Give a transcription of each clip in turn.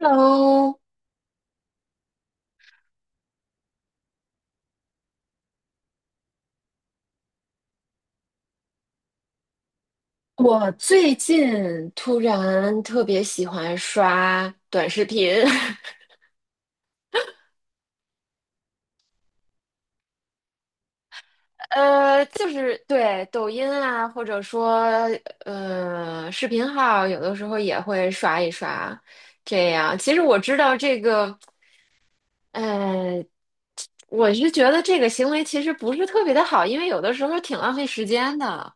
Hello，我最近突然特别喜欢刷短视频，就是对抖音啊，或者说视频号，有的时候也会刷一刷。这样，其实我知道这个，呃，我是觉得这个行为其实不是特别的好，因为有的时候挺浪费时间的。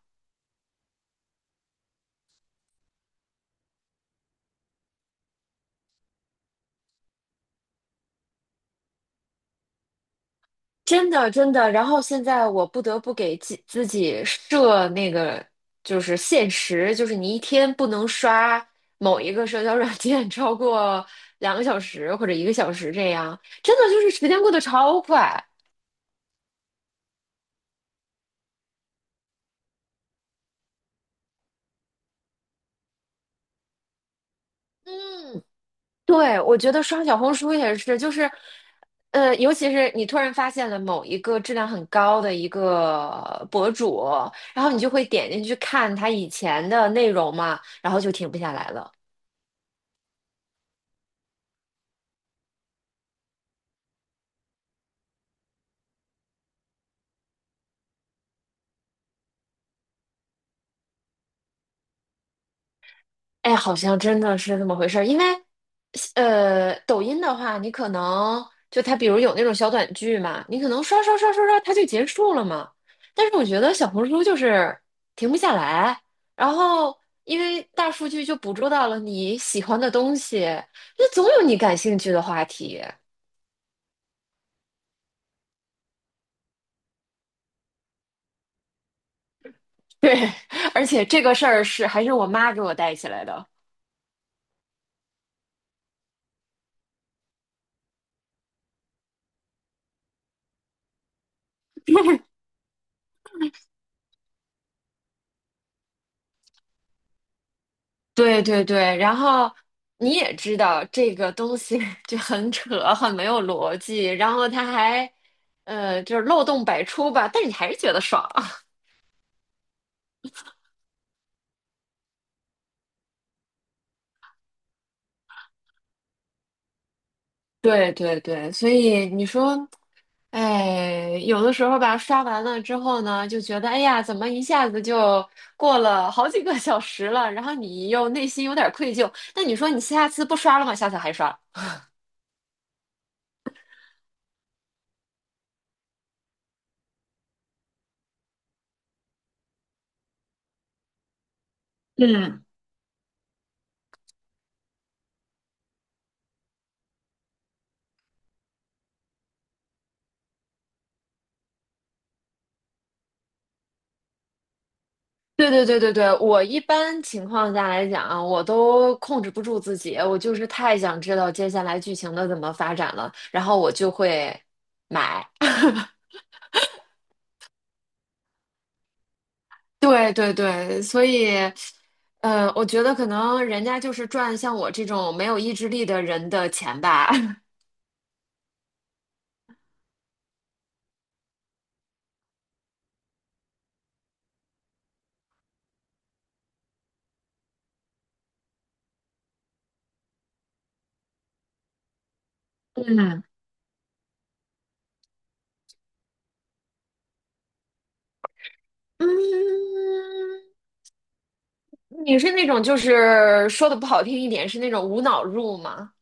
真的真的。然后现在我不得不给自己设那个就是限时，就是你一天不能刷某一个社交软件 超过2个小时或者1个小时这样。真的就是时间过得超快。对，我觉得刷小红书也是，就是，尤其是你突然发现了某一个质量很高的一个博主，然后你就会点进去看他以前的内容嘛，然后就停不下来了。哎，好像真的是这么回事儿。因为抖音的话，你可能就它，比如有那种小短剧嘛，你可能刷刷刷刷刷，它就结束了嘛。但是我觉得小红书就是停不下来，然后因为大数据就捕捉到了你喜欢的东西，那总有你感兴趣的话题。对，而且这个事儿是还是我妈给我带起来的。对对对，然后你也知道这个东西 就很扯，很没有逻辑，然后它还就是漏洞百出吧，但是你还是觉得爽。对对对，所以你说，哎，有的时候吧，刷完了之后呢，就觉得哎呀，怎么一下子就过了好几个小时了，然后你又内心有点愧疚，那你说你下次不刷了吗？下次还刷？嗯。对对对对对，我一般情况下来讲啊，我都控制不住自己，我就是太想知道接下来剧情的怎么发展了，然后我就会买。对对对，所以，我觉得可能人家就是赚像我这种没有意志力的人的钱吧。嗯嗯，你是那种就是说的不好听一点，是那种无脑入吗？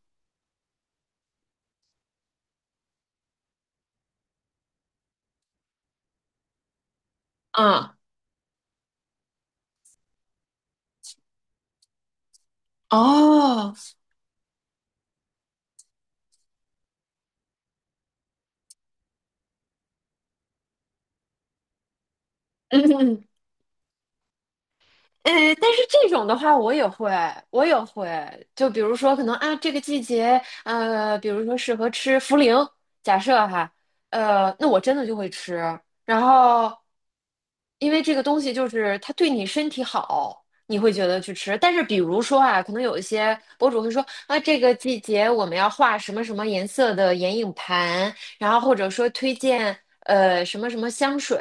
嗯，哦，呃，但是这种的话，我也会，我也会。就比如说，可能啊，这个季节，比如说适合吃茯苓，假设哈，那我真的就会吃。然后，因为这个东西就是它对你身体好，你会觉得去吃。但是，比如说啊，可能有一些博主会说啊，这个季节我们要画什么什么颜色的眼影盘，然后或者说推荐什么什么香水。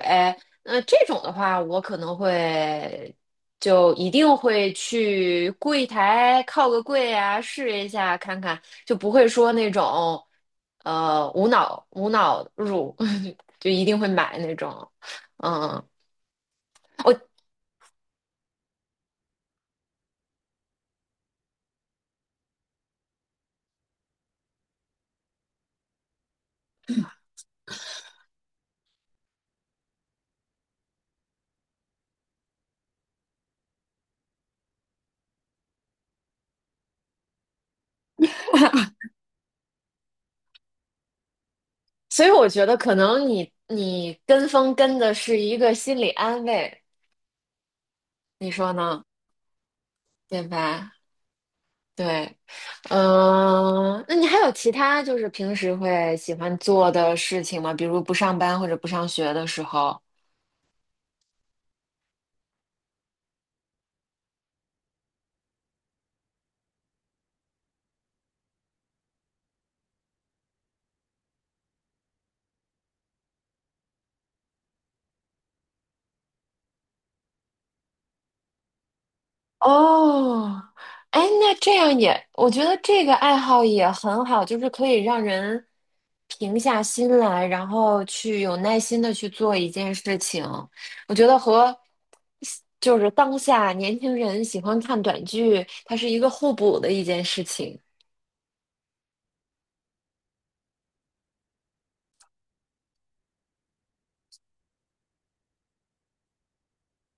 这种的话，我可能会。就一定会去柜台靠个柜啊，试一下看看，就不会说那种无脑入，就一定会买那种。嗯，我所以我觉得可能你跟风跟的是一个心理安慰，你说呢？对吧？对，嗯，那你还有其他就是平时会喜欢做的事情吗？比如不上班或者不上学的时候。哦，哎，那这样也，我觉得这个爱好也很好，就是可以让人平下心来，然后去有耐心的去做一件事情。我觉得和就是当下年轻人喜欢看短剧，它是一个互补的一件事情。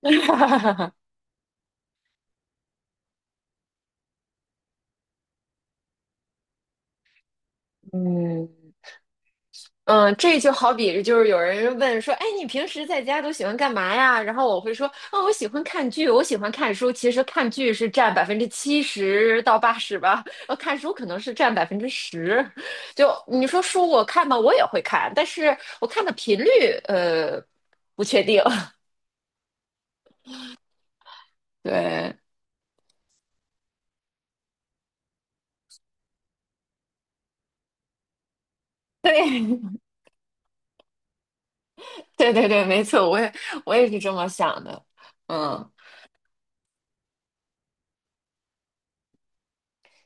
嗯。嗯，这就好比就是有人问说，哎，你平时在家都喜欢干嘛呀？然后我会说，啊、我喜欢看剧，我喜欢看书。其实看剧是占70%到80%吧，看书可能是占10%。就你说书我看吧，我也会看，但是我看的频率，呃，不确定。对，对，对对对，没错，我也是这么想的。嗯。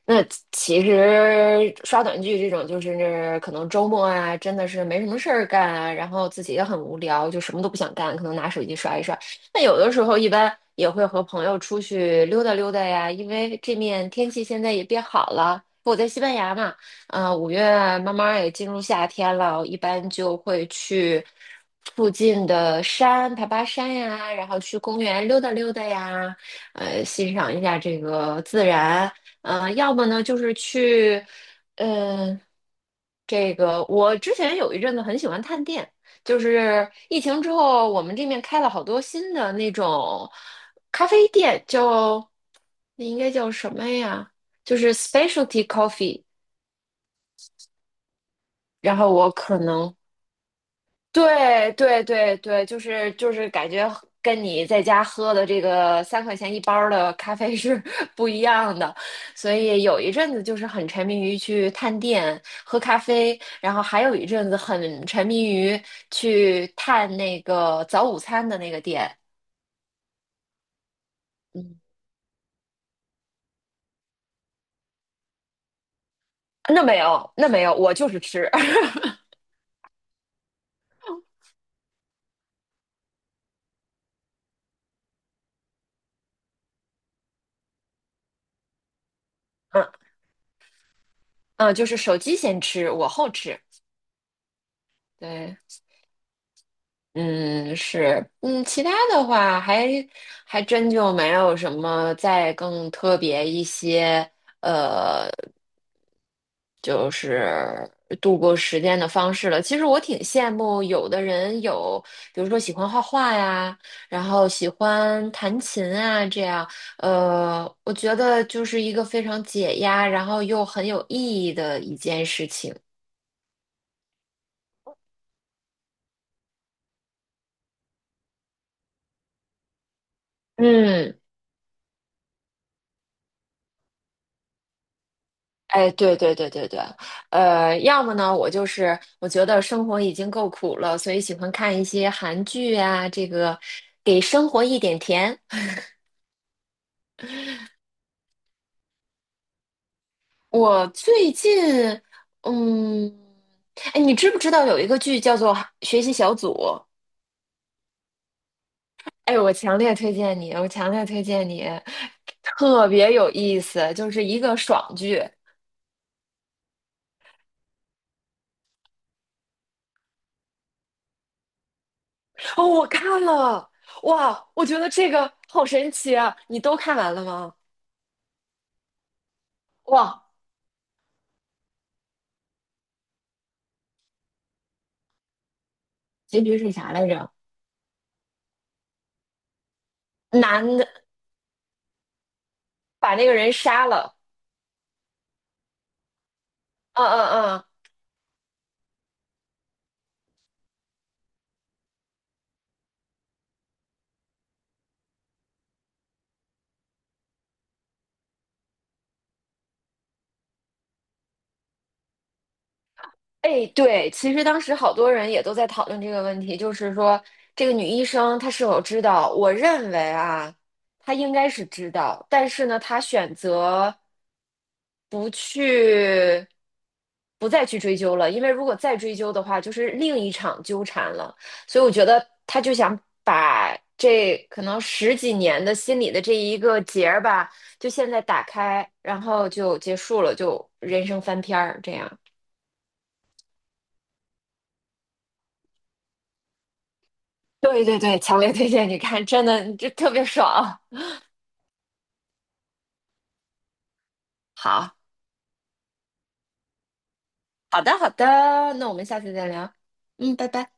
那其实刷短剧这种，就是可能周末啊，真的是没什么事儿干啊，然后自己也很无聊，就什么都不想干，可能拿手机刷一刷。那有的时候一般也会和朋友出去溜达溜达呀，因为这面天气现在也变好了。我在西班牙嘛，五月慢慢也进入夏天了，一般就会去附近的山爬爬山呀，然后去公园溜达溜达呀，欣赏一下这个自然。要么呢就是去，呃，这个我之前有一阵子很喜欢探店，就是疫情之后，我们这面开了好多新的那种咖啡店，那应该叫什么呀？就是 specialty coffee。然后我可能对对对对，就是感觉跟你在家喝的这个3块钱一包的咖啡是 不一样的，所以有一阵子就是很沉迷于去探店喝咖啡，然后还有一阵子很沉迷于去探那个早午餐的那个店。嗯，那没有，那没有，我就是吃，嗯嗯，就是手机先吃，我后吃。对。嗯，是，嗯，其他的话还真就没有什么再更特别一些，呃，就是度过时间的方式了。其实我挺羡慕有的人有，比如说喜欢画画呀，然后喜欢弹琴啊，这样，我觉得就是一个非常解压，然后又很有意义的一件事情。嗯。哎，对对对对对，要么呢，我就是我觉得生活已经够苦了，所以喜欢看一些韩剧啊，这个给生活一点甜。我最近，嗯，哎，你知不知道有一个剧叫做《学习小组》？哎，我强烈推荐你，我强烈推荐你，特别有意思，就是一个爽剧。哦，我看了，哇，我觉得这个好神奇啊！你都看完了吗？哇，结局是啥来着？男的把那个人杀了。嗯嗯嗯。哎，对，其实当时好多人也都在讨论这个问题，就是说这个女医生她是否知道？我认为啊，她应该是知道，但是呢，她选择不去，不再去追究了，因为如果再追究的话，就是另一场纠缠了。所以我觉得她就想把这可能十几年的心里的这一个结儿吧，就现在打开，然后就结束了，就人生翻篇儿这样。对对对，强烈推荐你看，真的，这特别爽。好，好的，好的，那我们下次再聊。嗯，拜拜。